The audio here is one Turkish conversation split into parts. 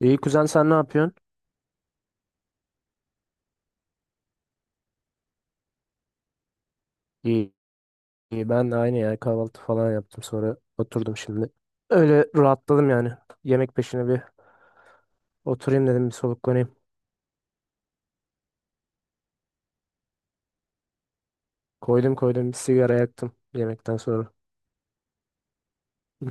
İyi kuzen sen ne yapıyorsun? İyi, iyi ben de aynı ya kahvaltı falan yaptım sonra oturdum şimdi. Öyle rahatladım yani. Yemek peşine bir oturayım dedim bir soluklanayım. Koydum koydum bir sigara yaktım yemekten sonra. Hı.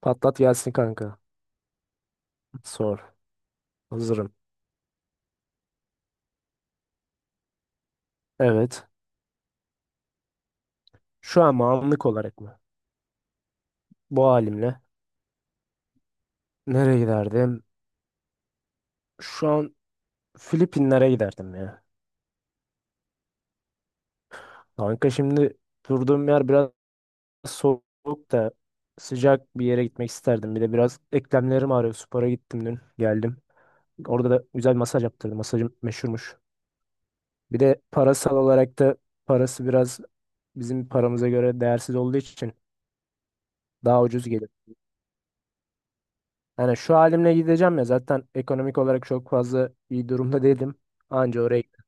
Patlat gelsin kanka. Sor. Hazırım. Evet. Şu an mı, anlık olarak mı? Bu halimle. Nereye giderdim? Şu an Filipinlere giderdim ya. Kanka şimdi durduğum yer biraz soğuk da sıcak bir yere gitmek isterdim. Bir de biraz eklemlerim ağrıyor. Spora gittim dün, geldim. Orada da güzel bir masaj yaptırdım. Masajım meşhurmuş. Bir de parasal olarak da parası biraz bizim paramıza göre değersiz olduğu için daha ucuz gelir. Yani şu halimle gideceğim ya zaten ekonomik olarak çok fazla iyi durumda değilim. Anca oraya giderim.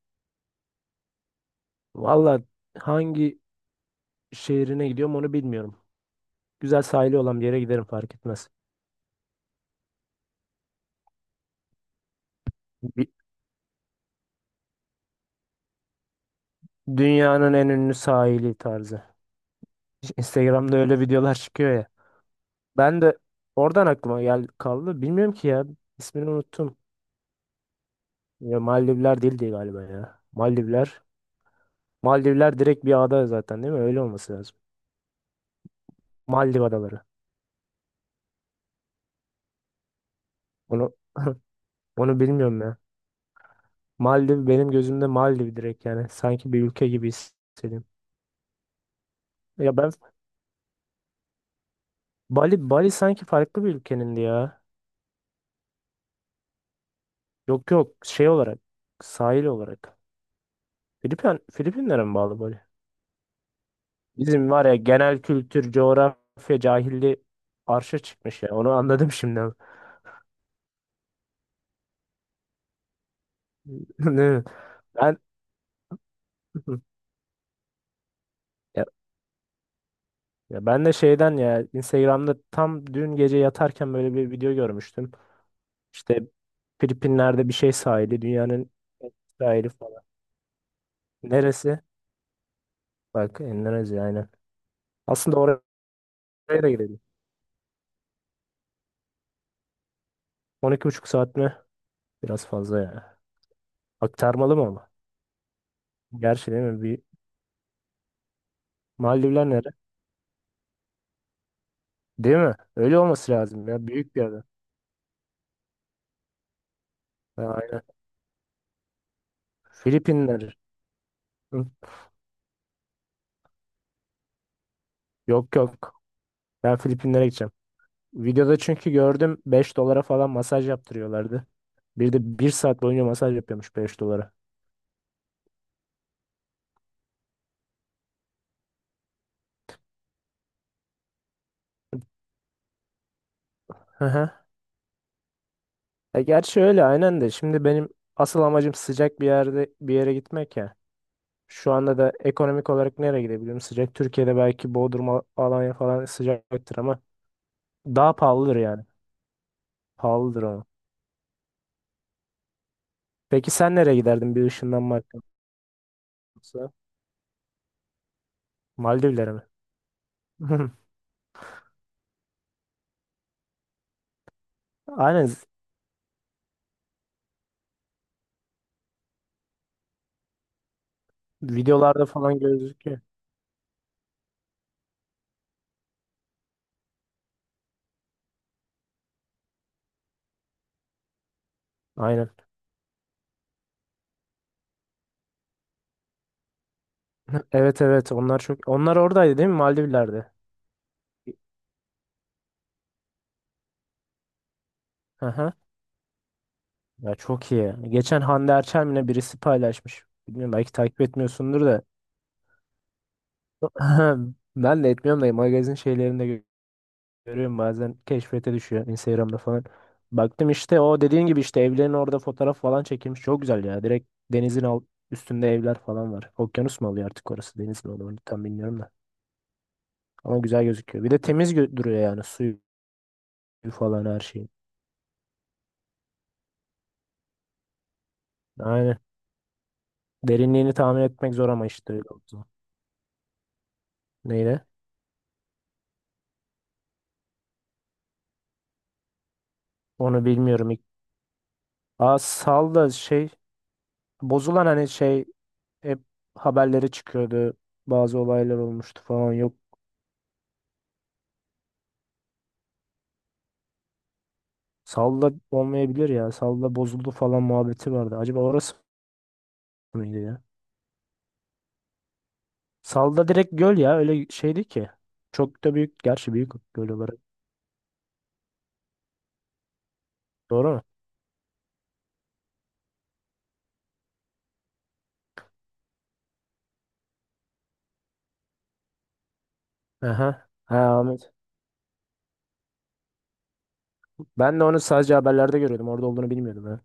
Valla hangi şehrine gidiyorum onu bilmiyorum. Güzel sahili olan bir yere giderim fark etmez. Bir- Dünyanın en ünlü sahili tarzı. Instagram'da öyle videolar çıkıyor ya. Ben de oradan aklıma gel kaldı. Bilmiyorum ki ya. İsmini unuttum. Ya Maldivler değildi galiba ya. Maldivler. Maldivler direkt bir ada zaten değil mi? Öyle olması lazım. Maldiv adaları. Onu onu bilmiyorum ya. Maldiv benim gözümde Maldiv direkt yani. Sanki bir ülke gibi hissediyorum. Ya ben Bali Bali sanki farklı bir ülkenin ya. Yok yok şey olarak sahil olarak. Filipinlere mi bağlı Bali? Bizim var ya genel kültür, coğrafya cahilliği arşa çıkmış ya. Onu anladım şimdi. Değil Ben ya, ya, ben de şeyden ya Instagram'da tam dün gece yatarken böyle bir video görmüştüm. İşte Filipinler'de bir şey sahili, dünyanın en küçük sahili falan. Neresi? Bak Endonezya aynen. Aslında oraya da gidelim. 12,5 saat mi? Biraz fazla ya. Aktarmalı mı ama? Gerçi değil mi? Maldivler nere? Değil mi? Öyle olması lazım ya. Büyük bir ada. Ha, aynen. Filipinler. Hı, yok yok. Ben Filipinlere gideceğim. Videoda çünkü gördüm 5 dolara falan masaj yaptırıyorlardı. Bir de bir saat boyunca masaj yapıyormuş 5 dolara. Hı hı. E gerçi öyle aynen de. Şimdi benim asıl amacım sıcak bir yerde bir yere gitmek ya. Şu anda da ekonomik olarak nereye gidebilirim? Sıcak Türkiye'de belki Bodrum, Alanya falan sıcaktır ama daha pahalıdır yani. Pahalıdır o. Peki sen nereye giderdin bir ışınlanmak olsa? Maldivlere mi? Aynen z- videolarda falan gözüküyor. Aynen. Evet evet onlar çok onlar oradaydı değil mi Maldivler'de? Aha. Ya çok iyi. Geçen Hande Erçel'le birisi paylaşmış. Bilmiyorum belki takip etmiyorsundur da. Ben de etmiyorum da magazin şeylerinde görüyorum bazen keşfete düşüyor Instagram'da falan. Baktım işte o dediğin gibi işte evlerin orada fotoğraf falan çekilmiş. Çok güzel ya. Direkt denizin al üstünde evler falan var. Okyanus mu oluyor artık orası? Deniz mi oluyor? Onu tam bilmiyorum da. Ama güzel gözüküyor. Bir de temiz duruyor yani suyu falan her şeyi. Aynen. Derinliğini tahmin etmek zor ama işte öyle oldu. Neyle? Onu bilmiyorum. Aa sal da şey bozulan hani şey hep haberleri çıkıyordu. Bazı olaylar olmuştu falan. Yok Salda olmayabilir ya. Salda bozuldu falan muhabbeti vardı. Acaba orası mıydı ya? Salda direkt göl ya. Öyle şeydi ki. Çok da büyük. Gerçi büyük göl olarak. Doğru mu? Aha. Ha Ahmet. Ben de onu sadece haberlerde görüyordum. Orada olduğunu bilmiyordum ha.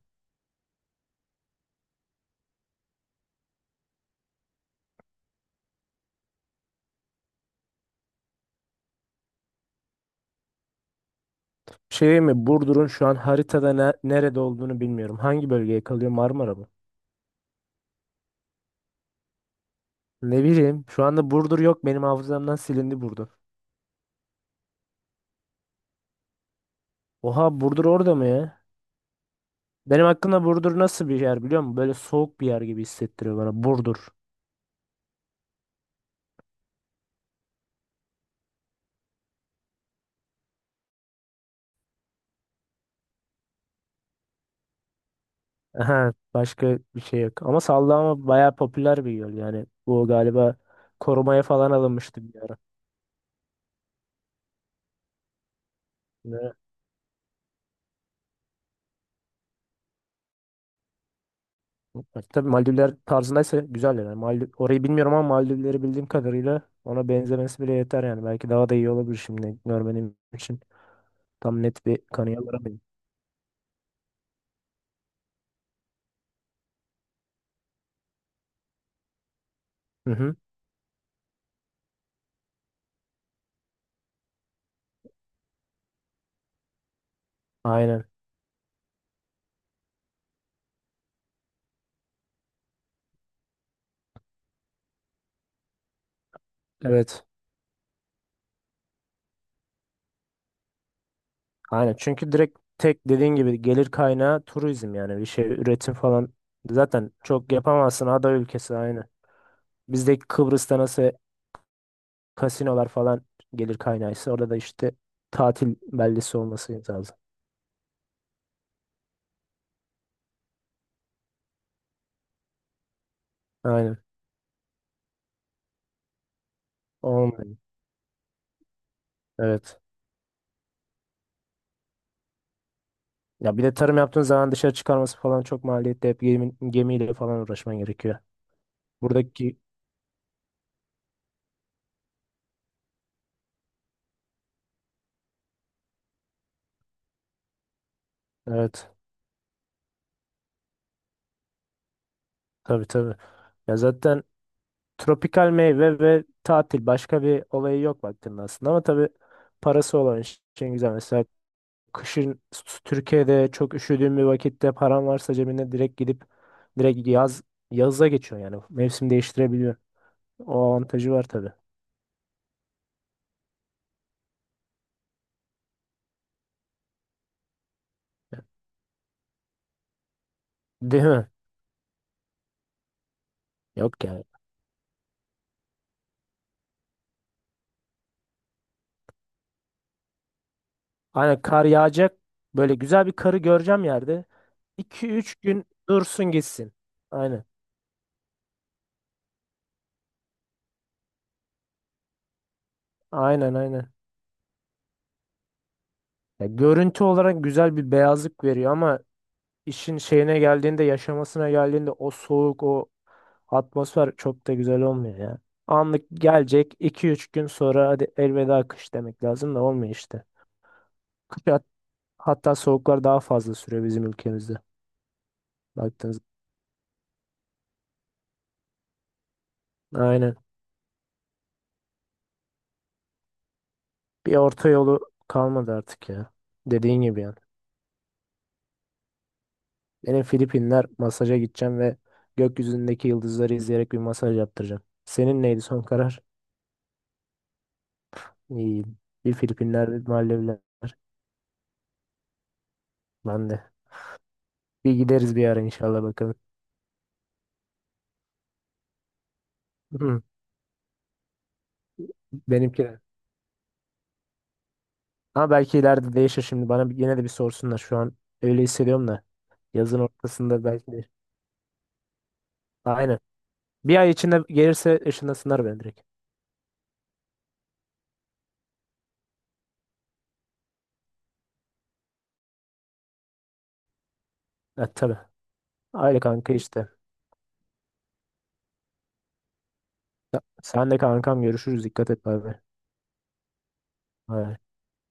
Şey mi? Burdur'un şu an haritada nerede olduğunu bilmiyorum. Hangi bölgeye kalıyor? Marmara mı? Ne bileyim. Şu anda Burdur yok. Benim hafızamdan silindi Burdur. Oha Burdur orada mı ya? Benim hakkında Burdur nasıl bir yer biliyor musun? Böyle soğuk bir yer gibi hissettiriyor bana. Burdur. Aha, başka bir şey yok. Ama sallama bayağı popüler bir yol yani. Bu galiba korumaya falan alınmıştı bir ara. Ne? Tabii Maldivler tarzındaysa güzel yani. Maldiv, orayı bilmiyorum ama Maldivleri bildiğim kadarıyla ona benzemesi bile yeter yani. Belki daha da iyi olabilir şimdi görmenim için. Tam net bir kanıya varamayayım. Hı hı. Aynen. Evet. Aynen. Çünkü direkt tek dediğin gibi gelir kaynağı turizm yani bir şey üretim falan zaten çok yapamazsın ada ülkesi aynı. Bizdeki Kıbrıs'ta nasıl kasinolar falan gelir kaynağıysa orada da işte tatil beldesi olması lazım. Aynen. Olmuyor. Evet. Ya bir de tarım yaptığın zaman dışarı çıkarması falan çok maliyetli. Hep gemiyle falan uğraşman gerekiyor. Buradaki evet tabii tabii. Ya zaten tropikal meyve ve tatil başka bir olayı yok baktığında aslında ama tabii parası olan için güzel. Mesela kışın Türkiye'de çok üşüdüğün bir vakitte paran varsa cebine direkt gidip direkt yaza geçiyor yani mevsim değiştirebiliyor. O avantajı var tabii. Değil mi? Yok yani. Aynen kar yağacak. Böyle güzel bir karı göreceğim yerde. 2-3 gün dursun gitsin. Aynen. Aynen aynen. Ya görüntü olarak güzel bir beyazlık veriyor ama işin şeyine geldiğinde, yaşamasına geldiğinde o soğuk, o atmosfer çok da güzel olmuyor ya. Anlık gelecek 2-3 gün sonra hadi elveda kış demek lazım da olmuyor işte. Kış hat- hatta soğuklar daha fazla sürüyor bizim ülkemizde baktığınız. Aynen. Bir orta yolu kalmadı artık ya. Dediğin gibi yani. Benim Filipinler masaja gideceğim ve gökyüzündeki yıldızları izleyerek bir masaj yaptıracağım. Senin neydi son karar? İyi. Bir Filipinler, bir Maldivler. Ben de. Bir gideriz bir ara inşallah bakalım. Hı, Benimki Ama belki ileride değişir şimdi. Bana yine de bir sorsunlar. Şu an öyle hissediyorum da. Yazın ortasında belki de. Aynen. Bir ay içinde gelirse ışınlasınlar beni direkt. Evet tabii. Aile kanka işte. Sen de kankam görüşürüz. Dikkat et abi. Bay bay.